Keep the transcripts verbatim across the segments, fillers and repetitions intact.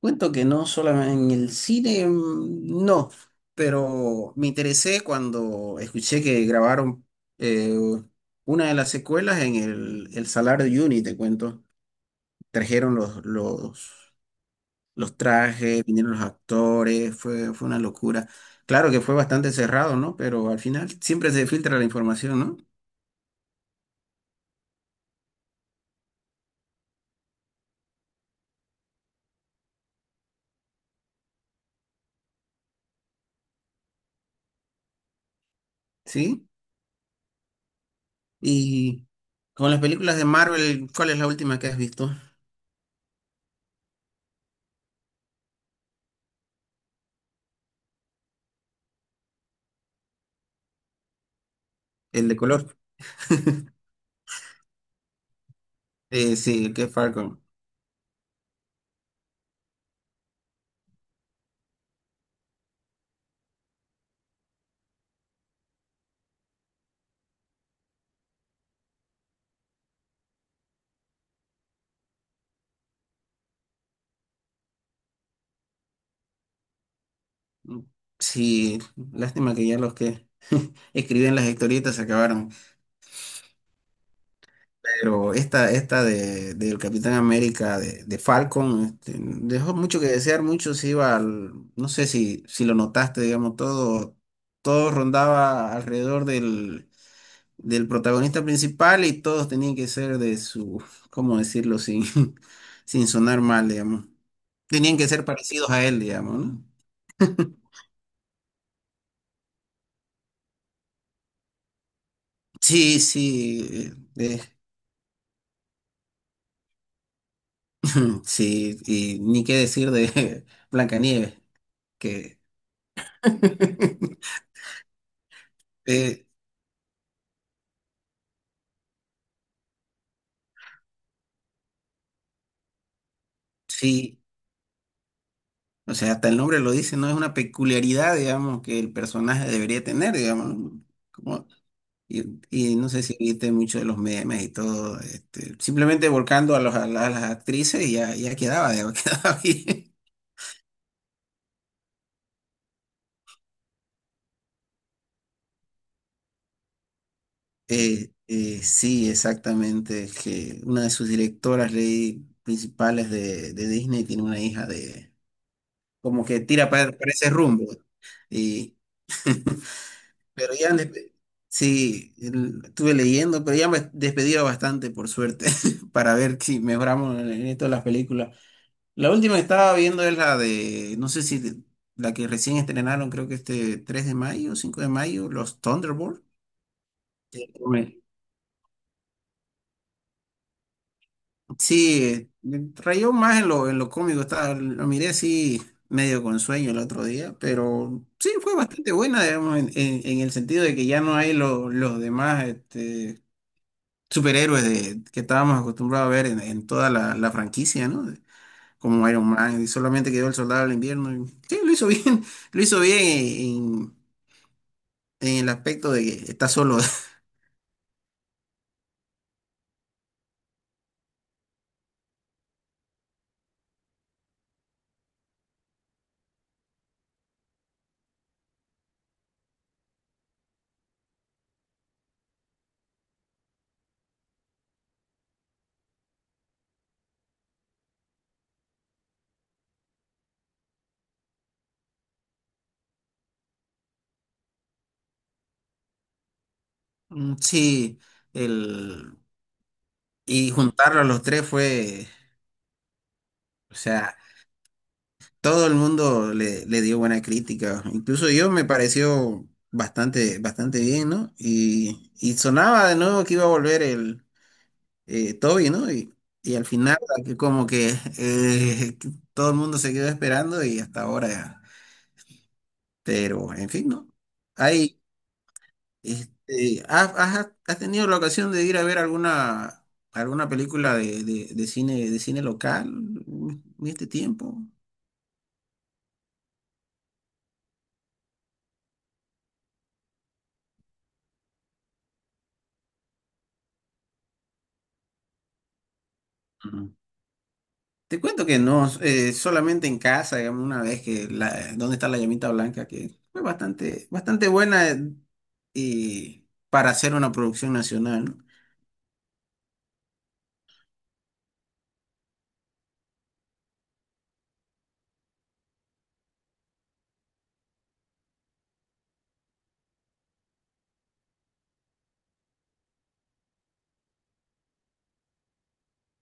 Cuento que no solamente en el cine, mm, no, pero me interesé cuando escuché que grabaron eh, una de las secuelas en el, el Salar de Uyuni, te cuento. Trajeron los, los, los trajes, vinieron los actores, fue, fue una locura. Claro que fue bastante cerrado, ¿no? Pero al final siempre se filtra la información, ¿no? Sí. Y con las películas de Marvel, ¿cuál es la última que has visto? El de color. Eh, sí, el que es Falcon. Sí, lástima que ya los que escriben las historietas se acabaron. Pero esta, esta de, del Capitán América de, de Falcon, este, dejó mucho que desear, mucho se iba al, no sé si, si lo notaste, digamos, todo, todo rondaba alrededor del, del protagonista principal y todos tenían que ser de su, ¿cómo decirlo? Sin, sin sonar mal, digamos. Tenían que ser parecidos a él, digamos, ¿no? Sí, sí, sí, y ni qué decir de Blancanieves, que eh, sí, o sea, hasta el nombre lo dice, no es una peculiaridad, digamos, que el personaje debería tener, digamos, como- y, y no sé si viste mucho de los memes y todo, este, simplemente volcando a, los, a, la- a las actrices y ya, ya quedaba, ya quedaba bien. Eh, eh, sí, exactamente, es que una de sus directoras leí, principales de, de Disney tiene una hija de como que tira para, para ese rumbo. Y, pero ya despe- sí, el- estuve leyendo, pero ya me despedía bastante, por suerte, para ver si mejoramos en esto de las películas. La última que estaba viendo es la de, no sé si de- la que recién estrenaron, creo que este tres de mayo, cinco de mayo, los Thunderbolts. Sí, eh, rayó más en lo, en lo cómico, estaba, lo miré así medio con sueño el otro día, pero sí, fue bastante buena, digamos, en, en- en el sentido de que ya no hay lo- los demás este, superhéroes de, que estábamos acostumbrados a ver en, en toda la, la franquicia, ¿no? De... Como Iron Man, y solamente quedó el Soldado del Invierno. Y sí, lo hizo bien, lo hizo bien en, en el aspecto de que está solo. Mm, Sí, el, y juntarlo a los tres fue... O sea, todo el mundo le, le dio buena crítica, incluso yo me pareció bastante, bastante bien, ¿no? Y, y sonaba de nuevo que iba a volver el eh, Toby, ¿no? Y, y al final que como que eh, que todo el mundo se quedó esperando y hasta ahora, pero en fin, ¿no? Hay, este, ¿has, has- has tenido la ocasión de ir a ver alguna, alguna película de, de- de cine, de cine local en este tiempo? Te cuento que no, eh, solamente en casa, digamos, una vez que la, donde está la llamita blanca, que fue bastante, bastante buena eh, y para hacer una producción nacional, ¿no?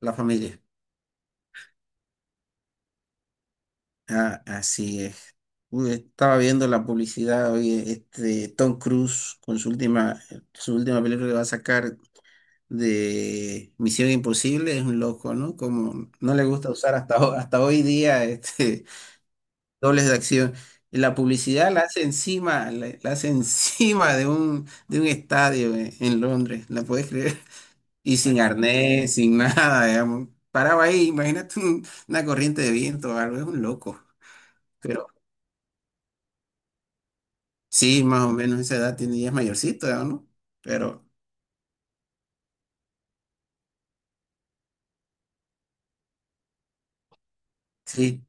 La familia. Ah, así es. Uy, estaba viendo la publicidad hoy, este Tom Cruise con su última, su última película que va a sacar de Misión Imposible, es un loco, ¿no? Como no le gusta usar hasta, ho- hasta hoy día este dobles de acción. Y la publicidad la hace encima, la, la hace encima de un, de un estadio eh, en Londres, ¿la puedes creer? Y sin arnés, sin nada, digamos. Paraba ahí, imagínate un- una corriente de viento o algo, es un loco. Pero sí, más o menos esa edad tiene, ya es mayorcito, ya, ¿no? Pero sí,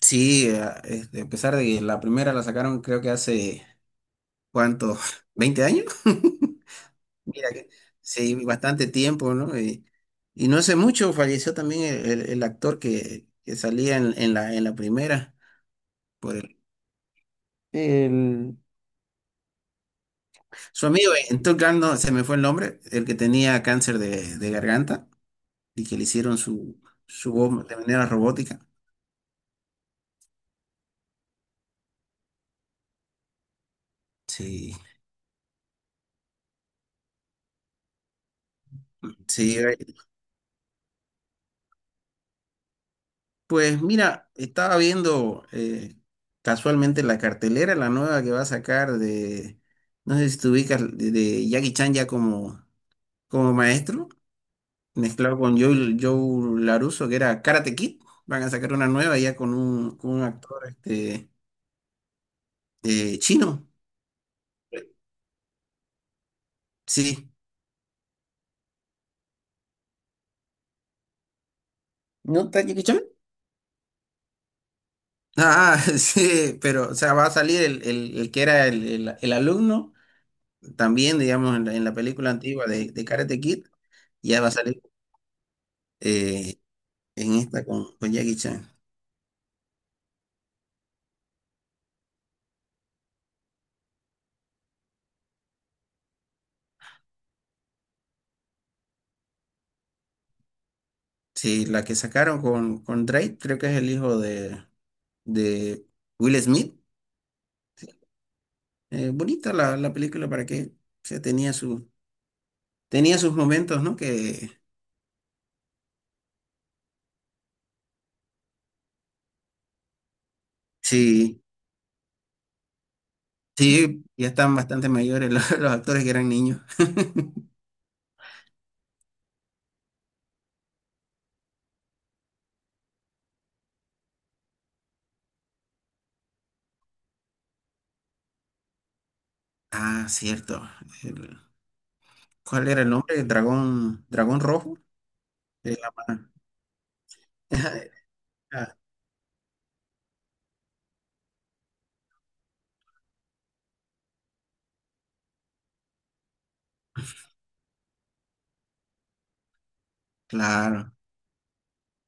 sí, eh, este, a pesar de que la primera la sacaron creo que hace, ¿cuánto? ¿veinte años? Mira que sí, bastante tiempo, ¿no? Y, y no hace mucho falleció también el, el- el actor que, que salía en, en la, en la primera, por el, el- su amigo, en Top Gun, no, se me fue el nombre, el que tenía cáncer de, de garganta y que le hicieron su, su voz de manera robótica. Sí, sí. eh, Pues mira, estaba viendo eh, casualmente la cartelera, la nueva que va a sacar de, no sé si te ubicas, de, de Jackie Chan ya como, como maestro, mezclado con Joe, Joe LaRusso, que era Karate Kid. Van a sacar una nueva ya con un, con un actor este, eh, chino. Sí. ¿No está Jackie Chan? Ah, sí, pero o sea, va a salir el, el- el que era el, el- el alumno, también, digamos, en la, en la película antigua de, de Karate Kid, ya va a salir eh, en esta con, con Jackie Chan. Sí, la que sacaron con, con Drake, creo que es el hijo de, de Will Smith. Eh, bonita la, la película para que se tenía sus tenía sus momentos, ¿no? Que sí, sí, ya están bastante mayores los, los actores que eran niños. Ah, cierto. El... ¿cuál era el nombre? El dragón, dragón rojo. Se llama. Ah, claro.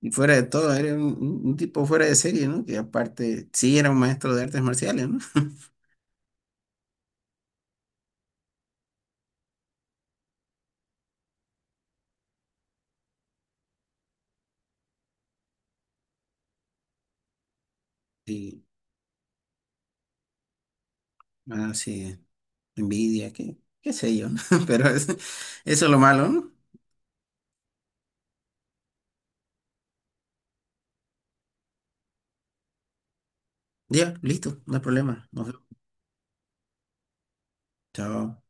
Y fuera de todo, era un, un- un tipo fuera de serie, ¿no? Que aparte, sí, era un maestro de artes marciales, ¿no? Sí, ah, sí, envidia, qué, qué sé yo, ¿no? Pero es- eso es lo malo, ¿no? Ya, listo, no hay problema. Nos vemos. Chao.